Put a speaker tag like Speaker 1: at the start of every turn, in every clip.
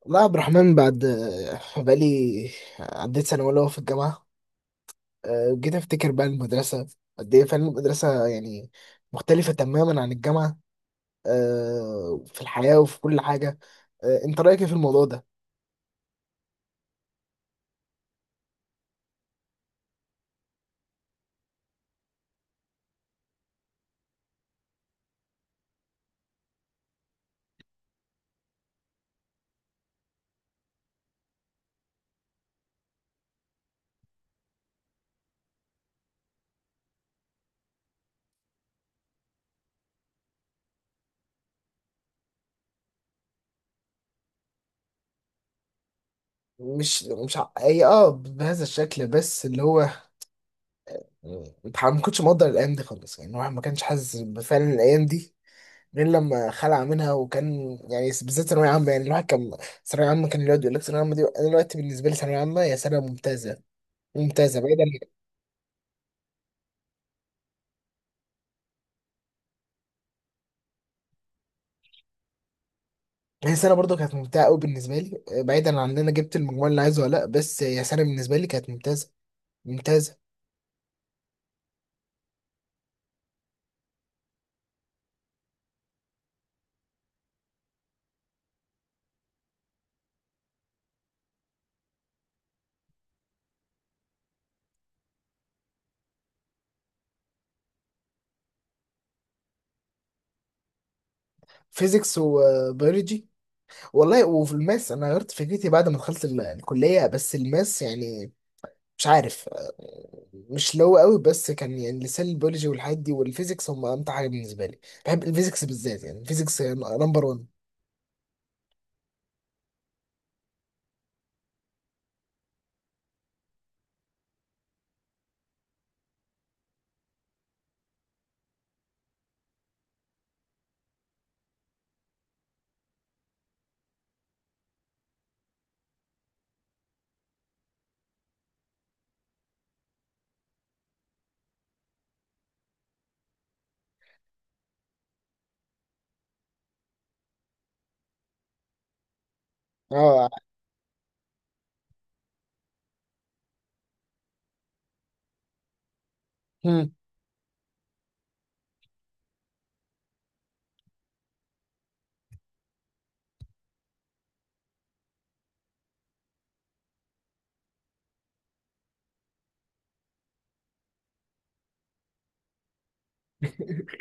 Speaker 1: والله يا عبد الرحمن بعد بقالي عديت سنة أولى في الجامعة. جيت أفتكر بقى المدرسة قد إيه فعلا. المدرسة يعني مختلفة تماما عن الجامعة في الحياة وفي كل حاجة. أنت رأيك إيه في الموضوع ده؟ مش مش ع- أي أه بهذا الشكل بس اللي هو أنت ما كنتش مقدر الأيام دي خالص، يعني الواحد ما كانش حاسس بفعلا الأيام دي غير لما خلع منها، وكان يعني بالذات ثانوية عامة. يعني الواحد كان ثانوية عامة كان يقعد يقول لك ثانوية عامة دي. أنا دلوقتي بالنسبة لي ثانوية عامة هي سنة ممتازة، بعيدا. هي سنه برضو كانت ممتعه قوي بالنسبه لي، بعيدا عن ان انا جبت المجموع اللي عايزه ولا لا. بس هي سنه بالنسبه لي كانت ممتازه، ممتازه فيزيكس وبيولوجي. والله وفي الماس انا غيرت فكرتي بعد ما دخلت الكليه، بس الماس يعني مش عارف، مش اللي هو قوي، بس كان يعني لسان البيولوجي والحاجات دي والفيزيكس هم امتع حاجه بالنسبه لي. بحب الفيزيكس بالذات، يعني الفيزيكس نمبر 1. اه. مم.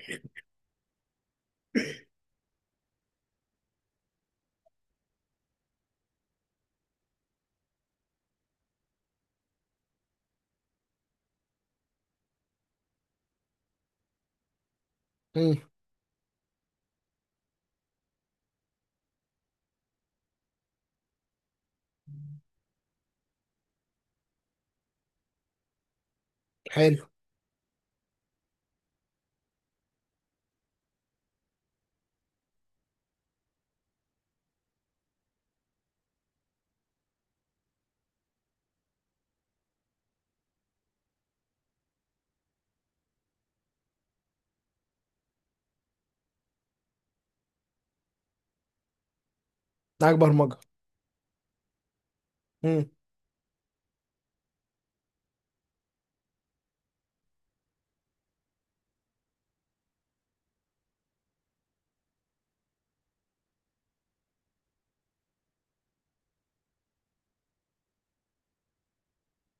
Speaker 1: مم. حلو. معاك برمجه. مم.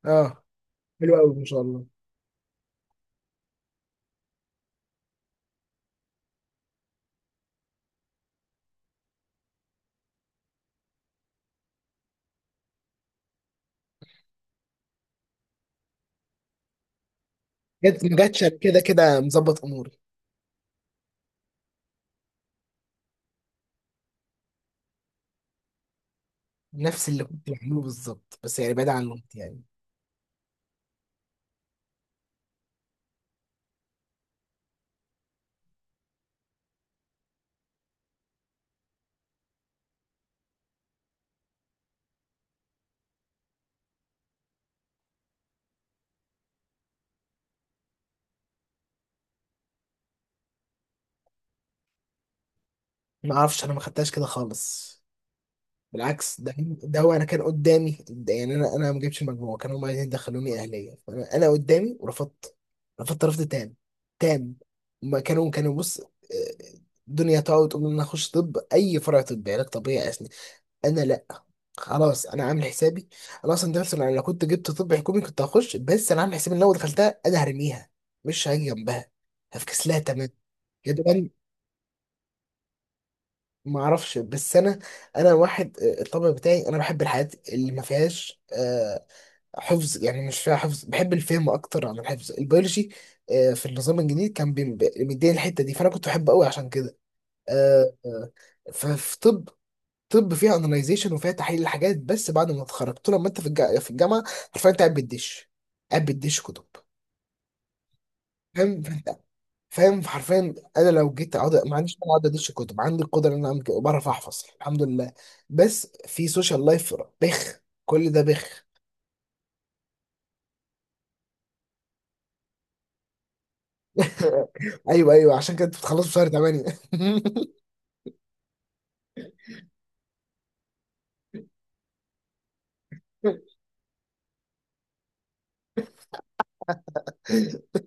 Speaker 1: اه. حلو قوي ما شاء الله. جت ما جاتش، أنا كده كده مظبط اموري. نفس اللي كنت بعمله بالظبط، بس يعني بعيد عن الوقت يعني. ما اعرفش، انا ما خدتهاش كده خالص، بالعكس ده. ده هو انا كان قدامي ده، يعني انا ما جبتش المجموع، كانوا هم عايزين يدخلوني اهليه، فانا قدامي ورفضت، رفضت رفض تام، تام. ما كانوا كانوا بص، الدنيا تقعد تقول ان انا اخش طب، اي فرع طبي، علاج طبيعي. انا لا، خلاص انا عامل حسابي. انا اصلا، ده مثلا انا لو كنت جبت طب حكومي كنت هخش، بس انا عامل حسابي ان لو دخلتها انا هرميها، مش هاجي جنبها، هفكس لها تمام. يا دوبان ما اعرفش، بس انا انا واحد، الطبع بتاعي انا بحب الحاجات اللي ما فيهاش، حفظ، يعني مش فيها حفظ، بحب الفهم اكتر عن الحفظ. البيولوجي، في النظام الجديد كان مديني الحته دي، فانا كنت بحبه قوي عشان كده. آه، آه، ففي طب، طب فيها اناليزيشن وفيها تحليل الحاجات. بس بعد ما اتخرجت، طول ما انت في الجامعه، حرفيا انت قاعد بتدش، قاعد بتدش كتب. فاهم؟ فاهم، حرفيا انا لو جيت اقعد، ما عنديش، انا اقعد ادش كتب، عندي القدره ان انا أعمل كده وبعرف احفظ الحمد لله. بس في سوشيال لايف، بخ، كل ده بخ. ايوه ايوه، عشان كده انت بتخلص في شهر 8.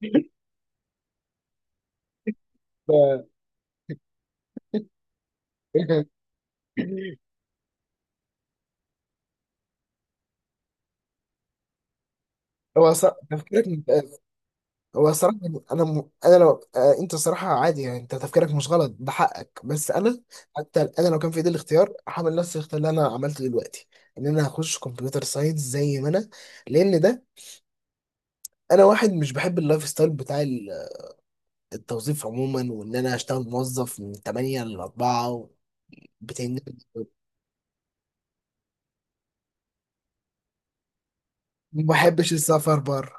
Speaker 1: هو صح تفكيرك. هو الصراحة يعني أنا م... أنا لو آه. أنت الصراحة عادي يعني، أنت تفكيرك مش غلط، ده حقك. بس أنا حتى أنا لو كان في إيدي الاختيار هعمل نفس الاختيار اللي أنا عملته دلوقتي، إن أنا هخش كمبيوتر ساينس زي ما أنا. لأن ده، أنا واحد مش بحب اللايف ستايل بتاع التوظيف عموما، وإن أنا أشتغل موظف من 8 ل 4، بتنجز. ما بحبش السفر بره.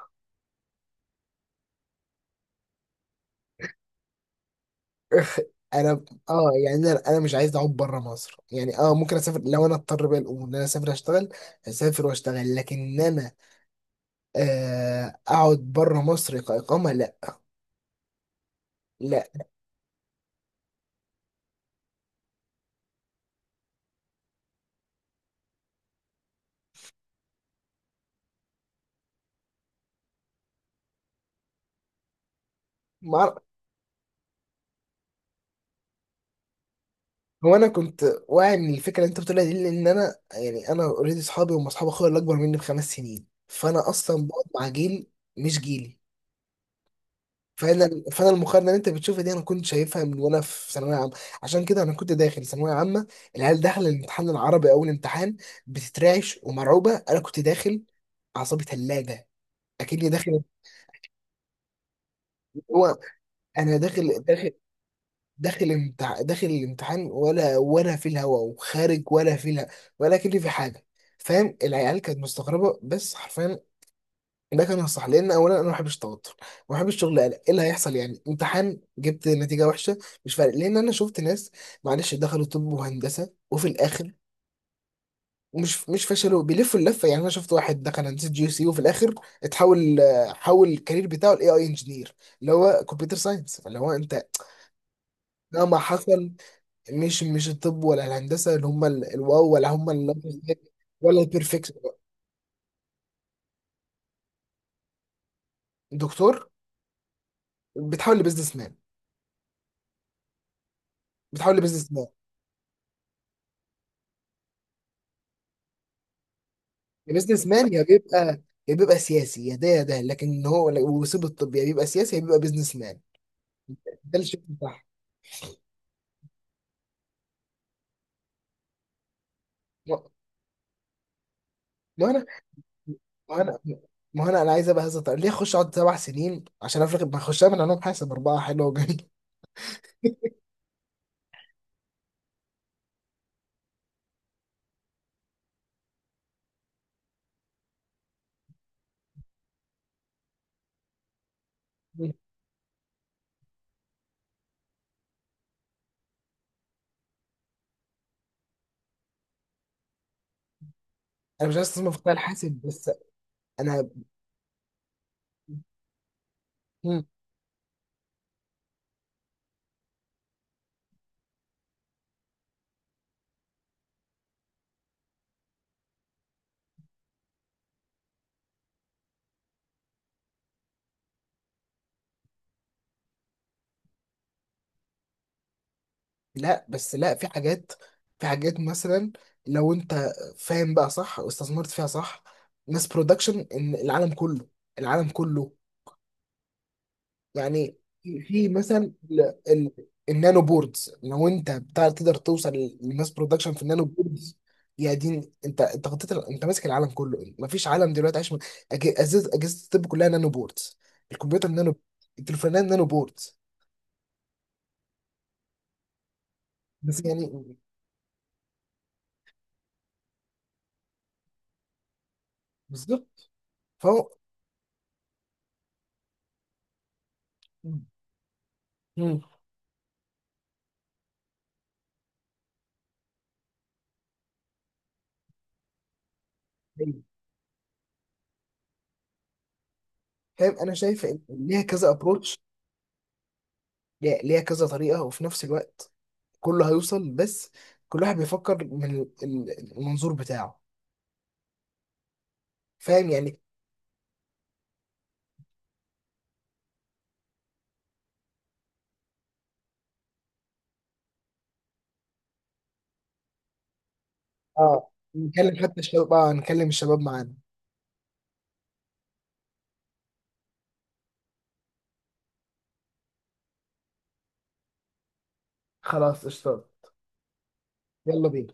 Speaker 1: انا اه، يعني انا مش عايز اعود بره مصر يعني. اه ممكن اسافر لو انا اضطر، بقى الامور ان انا اسافر اشتغل، اسافر واشتغل، لكن انا اقعد بره مصر كاقامه، لا. لا. ما أعرف- هو انا كنت واعي من الفكره اللي انت بتقولها دي، لان انا يعني انا اوريدي اصحابي هم اصحاب اخويا اللي اكبر مني بـ5 سنين، فانا اصلا بقعد مع جيل مش جيلي. فانا المقارنه اللي انت بتشوفها دي انا كنت شايفها من وانا في ثانويه عامه. عشان كده انا كنت داخل ثانويه عامه، العيال داخله الامتحان العربي اول امتحان بتترعش ومرعوبه، انا كنت داخل، اعصابي ثلاجه، اكني داخل، هو انا داخل، داخل داخل الامتحان ولا ولا في الهوا، وخارج ولا في الهوا، ولا كل في حاجه. فاهم؟ العيال كانت مستغربه، بس حرفيا ده كان الصح، لان اولا انا ما بحبش التوتر، ما بحبش شغل قلق ايه اللي هيحصل. يعني امتحان جبت نتيجه وحشه، مش فارق، لان انا شفت ناس معلش دخلوا طب وهندسه وفي الاخر، مش فشلوا، بيلفوا اللفه. يعني انا شفت واحد دخل هندسه جي سي، وفي الاخر اتحول، حول الكارير بتاعه لاي اي انجينير، اللي هو كمبيوتر ساينس اللي هو انت. مهما حصل، مش الطب ولا الهندسه اللي هم الواو، ولا هم ولا البرفكت. دكتور بتحول لبزنس مان، بتحول لبزنس مان. البزنس مان يا بيبقى، يا بيبقى سياسي، يا ده يا ده، لكن هو ويسيب الطب، يا بيبقى سياسي يا بيبقى بزنس مان، ده الشكل بتاعها. ما ما انا ما انا ما انا انا عايز ابقى هذا. طيب ليه اخش اقعد 7 سنين عشان افرق، ما اخش اعمل علوم حاسب 4 حلوه وجميل. انا مش عايز استثمر في قطاع الحاسب بس. انا، لا بس لا في حاجات، في حاجات مثلا، لو انت فاهم بقى صح واستثمرت فيها صح، ماس برودكشن، ان العالم كله، العالم كله يعني. في مثلا النانو بوردز، لو انت بتاع تقدر توصل للماس برودكشن في النانو بوردز، يا دين، انت انت غطيت انت ماسك العالم كله. مفيش عالم دلوقتي عايش من- اجهزه، اجهزه الطب كلها نانو بوردز، الكمبيوتر نانو، التليفونات نانو بوردز. بس يعني بالظبط، فهو. مم. فاهم، انا شايف ان ليها كذا ابروتش، ليها كذا طريقه، وفي نفس الوقت كله هيوصل، بس كل واحد بيفكر من المنظور بتاعه. فاهم يعني. اه نكلم حتى الشباب، اه نكلم الشباب معانا. خلاص اشتغل، يلا بينا.